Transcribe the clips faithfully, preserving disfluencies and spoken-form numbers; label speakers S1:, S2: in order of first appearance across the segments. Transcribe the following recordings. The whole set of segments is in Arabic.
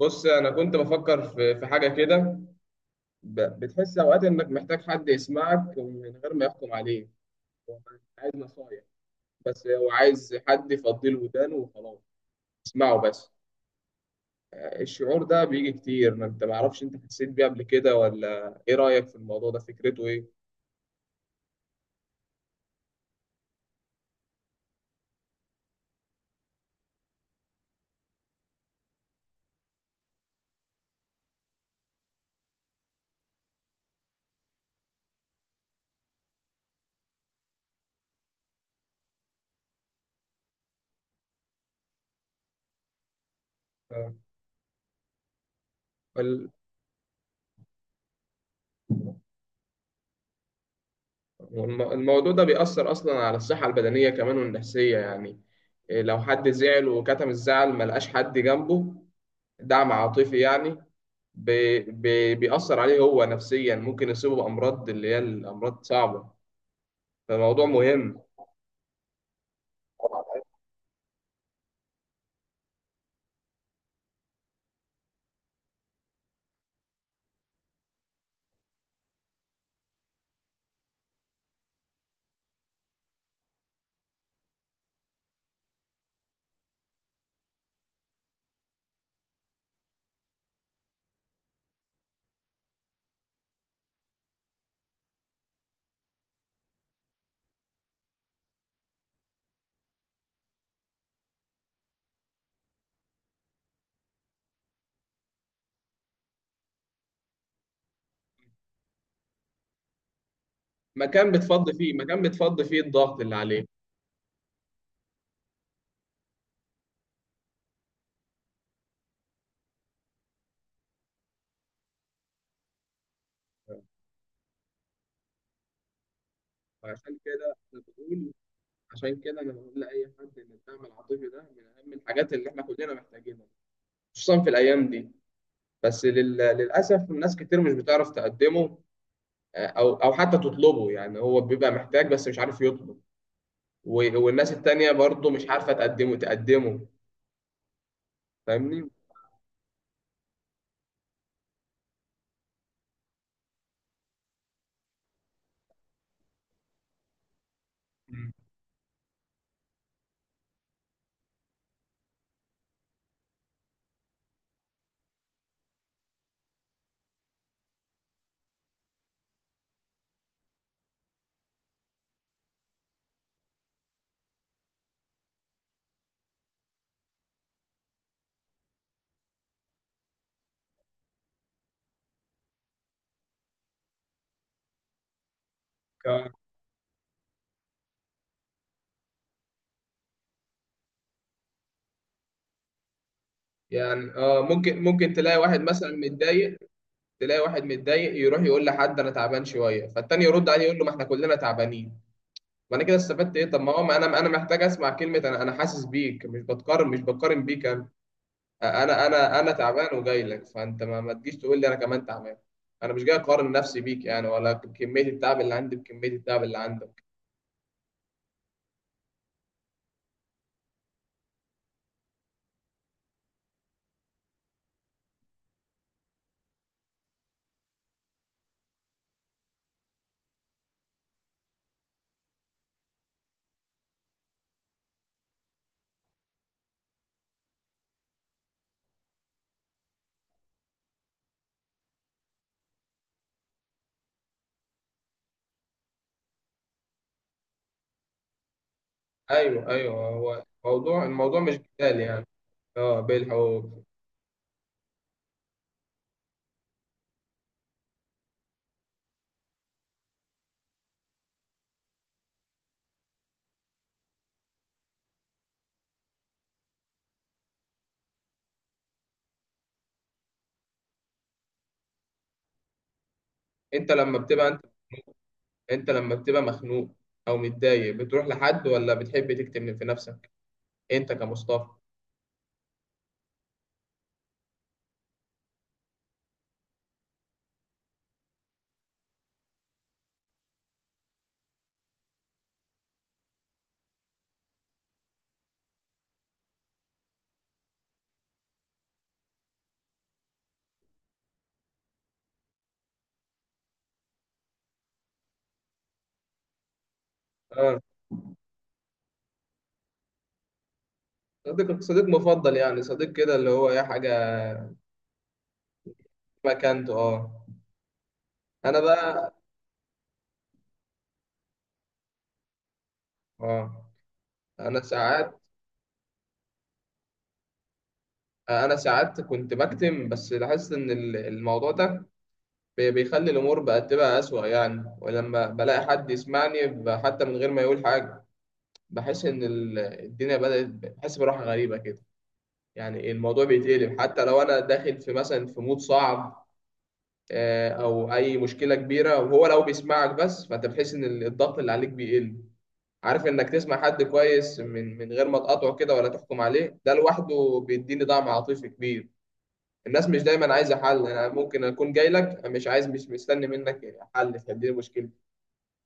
S1: بص، انا كنت بفكر في في حاجه كده. ب- بتحس اوقات انك محتاج حد يسمعك، ومن غير ما يحكم عليك. هو مش عايز نصايح، بس هو عايز حد يفضي له ودانه وخلاص. اسمعه بس. الشعور ده بيجي كتير، ما انت معرفش انت حسيت بيه قبل كده ولا ايه؟ رايك في الموضوع ده فكرته ايه؟ آه. وال- والم- الموضوع ده بيأثر اصلا على الصحه البدنيه كمان والنفسيه يعني. إيه، لو حد زعل وكتم الزعل ملقاش حد جنبه، دعم عاطفي يعني، بي بي بيأثر عليه هو نفسيا، ممكن يصيبه بأمراض اللي هي الأمراض صعبة. فالموضوع مهم. مكان بتفضي فيه مكان بتفضي فيه الضغط اللي عليه. فعشان كده انا بقول عشان كده انا بقول لاي حد ان الدعم العاطفي ده من اهم الحاجات اللي احنا كلنا محتاجينها، خصوصا في الايام دي. بس لل... للاسف ناس كتير مش بتعرف تقدمه، آه، او او حتى تطلبه، يعني هو بيبقى محتاج بس مش عارف يطلب، و... والناس التانية برضه مش عارفة تقدمه تقدمه. فاهمني. مم. ك- يعني اه ممكن ممكن تلاقي واحد مثلا متضايق، تلاقي واحد متضايق يروح يقول لحد: انا تعبان شويه، فالتاني يرد عليه يقول له: ما احنا كلنا تعبانين. ما انا كده استفدت ايه؟ طب ما هو ما انا انا محتاج اسمع كلمه: انا انا حاسس بيك، مش بتقارن مش بقارن بيك، انا. انا انا انا تعبان وجاي لك، فانت ما, ما تجيش تقول لي انا كمان تعبان. انا مش جاي اقارن نفسي بيك يعني، ولا كميه التعب اللي عندي بكميه التعب اللي عندك. ايوه، ايوه، هو موضوع الموضوع مش جدال يعني. اه، بالحقوق. انت لما بتبقى انت لما بتبقى مخنوق او متضايق، بتروح لحد ولا بتحب تكتم في نفسك؟ انت كمصطفى؟ اه. صديق صديق مفضل يعني، صديق كده اللي هو اي حاجه؟ مكانته، اه. انا بقى؟ اه. انا ساعات انا ساعات كنت بكتم، بس لاحظت ان ال- الموضوع ده بي- بيخلي الامور بقت تبقى اسوأ يعني، ولما بلاقي حد يسمعني ب- حتى من غير ما يقول حاجه، بحس ان ال- الدنيا بدأت، بحس براحه غريبه كده. يعني الموضوع بيتقلب، حتى لو انا داخل في مثلا في مود صعب آه، او اي مشكله كبيره، وهو لو بيسمعك بس فانت بتحس ان الضغط اللي عليك بيقل. عارف انك تسمع حد كويس، من من غير ما تقاطعه كده ولا تحكم عليه، ده لوحده بيديني دعم عاطفي كبير. الناس مش دايما عايزه حل. انا ممكن اكون جاي لك مش عايز مش مستني منك حل تحل لي مشكلتي.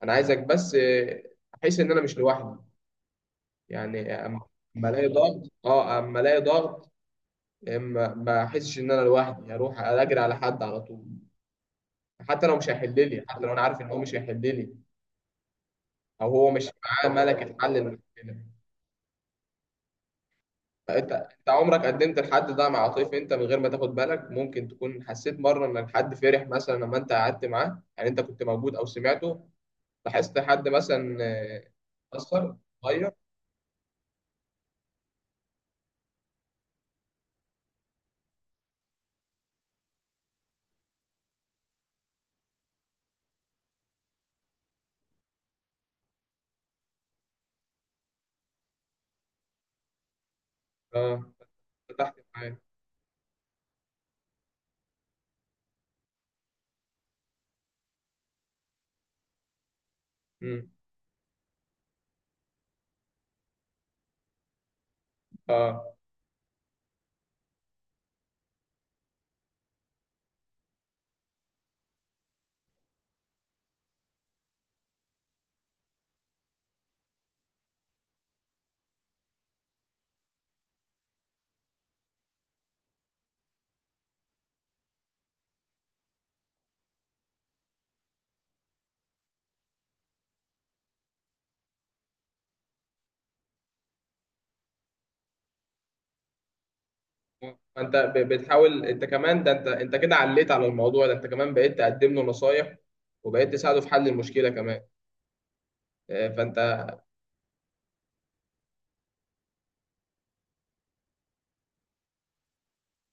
S1: انا عايزك بس آه، احس ان انا مش لوحدي. يعني أما أما الاقي ضغط اه اما الاقي ضغط، آه، ما ما احسش ان انا لوحدي، اروح اجري على حد على طول. حتى لو مش هيحل لي حتى لو انا عارف ان هو مش هيحل لي، او هو مش معاه ملكه حل المشكله. فانت انت عمرك قدمت الحد ده مع طيف؟ انت من غير ما تاخد بالك ممكن تكون حسيت مره ان الحد فرح مثلا لما انت قعدت معاه، يعني انت كنت موجود او سمعته، لاحظت حد مثلا آه، اتاثر، اتغير؟ اه، فتحت معاه. امم. اه. فانت ب- بتحاول انت كمان، ده انت انت كده عليت على الموضوع ده، انت كمان بقيت تقدم له نصايح، وبقيت تساعده في حل المشكله كمان. آه، فانت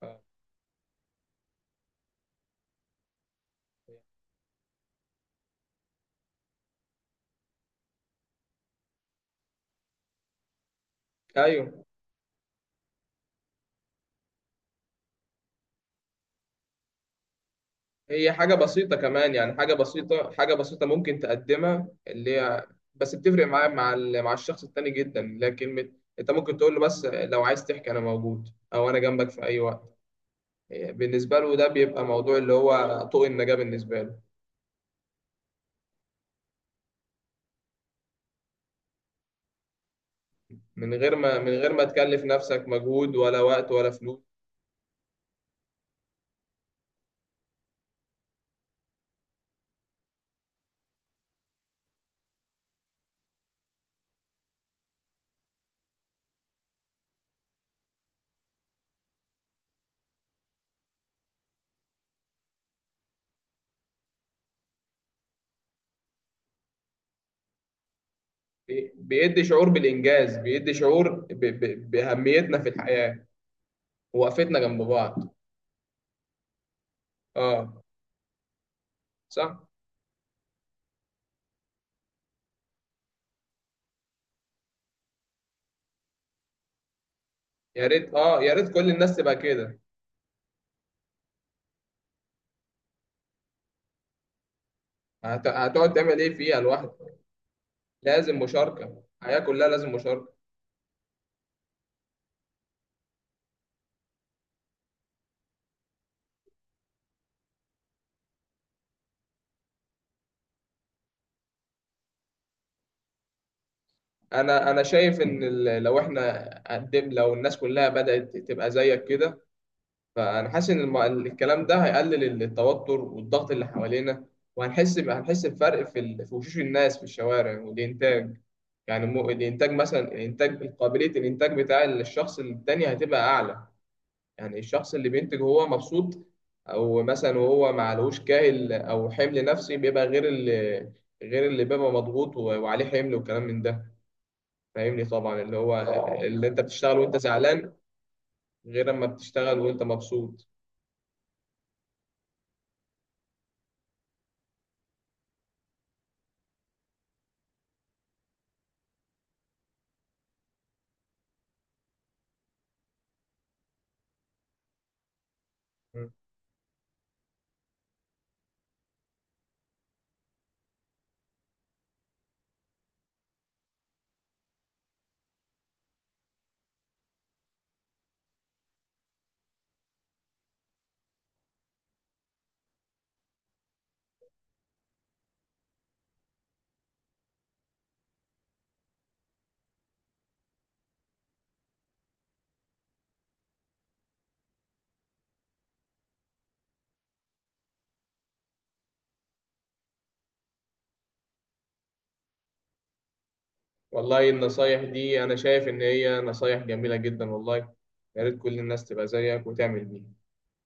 S1: آه، ايوه، هي حاجة بسيطة كمان يعني، حاجة بسيطة، حاجة بسيطة ممكن تقدمها، اللي هي بس بتفرق معاه مع ال- مع الشخص التاني جدا، اللي هي كلمة. انت ممكن تقول له بس: لو عايز تحكي انا موجود، او انا جنبك في اي وقت. بالنسبة له ده بيبقى موضوع اللي هو طوق النجاة بالنسبة له، من غير ما من غير ما تكلف نفسك مجهود ولا وقت ولا فلوس. بي- بيدي شعور بالإنجاز، بيدي شعور ب... ب... بأهميتنا في الحياة، ووقفتنا جنب بعض. اه، صح. يا ريت اه يا ريت كل الناس تبقى كده. هت- هتقعد تعمل ايه فيها لوحدك؟ لازم مشاركه. الحياه كلها لازم مشاركه. انا انا شايف ان ال- لو احنا قدم لو الناس كلها بدات تبقى زيك كده، فانا حاسس ان الم- الكلام ده هيقلل ال- التوتر والضغط اللي حوالينا، وهنحس ب- هنحس بفرق في ال- في وشوش الناس في الشوارع والانتاج. يعني مو- الانتاج مثلا، الانتاج قابليه الانتاج بتاع الشخص التاني هتبقى اعلى. يعني الشخص اللي بينتج وهو مبسوط، او مثلا وهو معلهوش كاهل او حمل نفسي، بيبقى غير اللي غير اللي بيبقى مضغوط و- وعليه حمل وكلام من ده. فاهمني، طبعا اللي هو اللي انت بتشتغل وانت زعلان، غير اما بتشتغل وانت مبسوط. م. والله النصايح دي انا شايف ان هي نصايح جميلة جدا والله. يا ريت كل الناس تبقى زيك وتعمل بيها.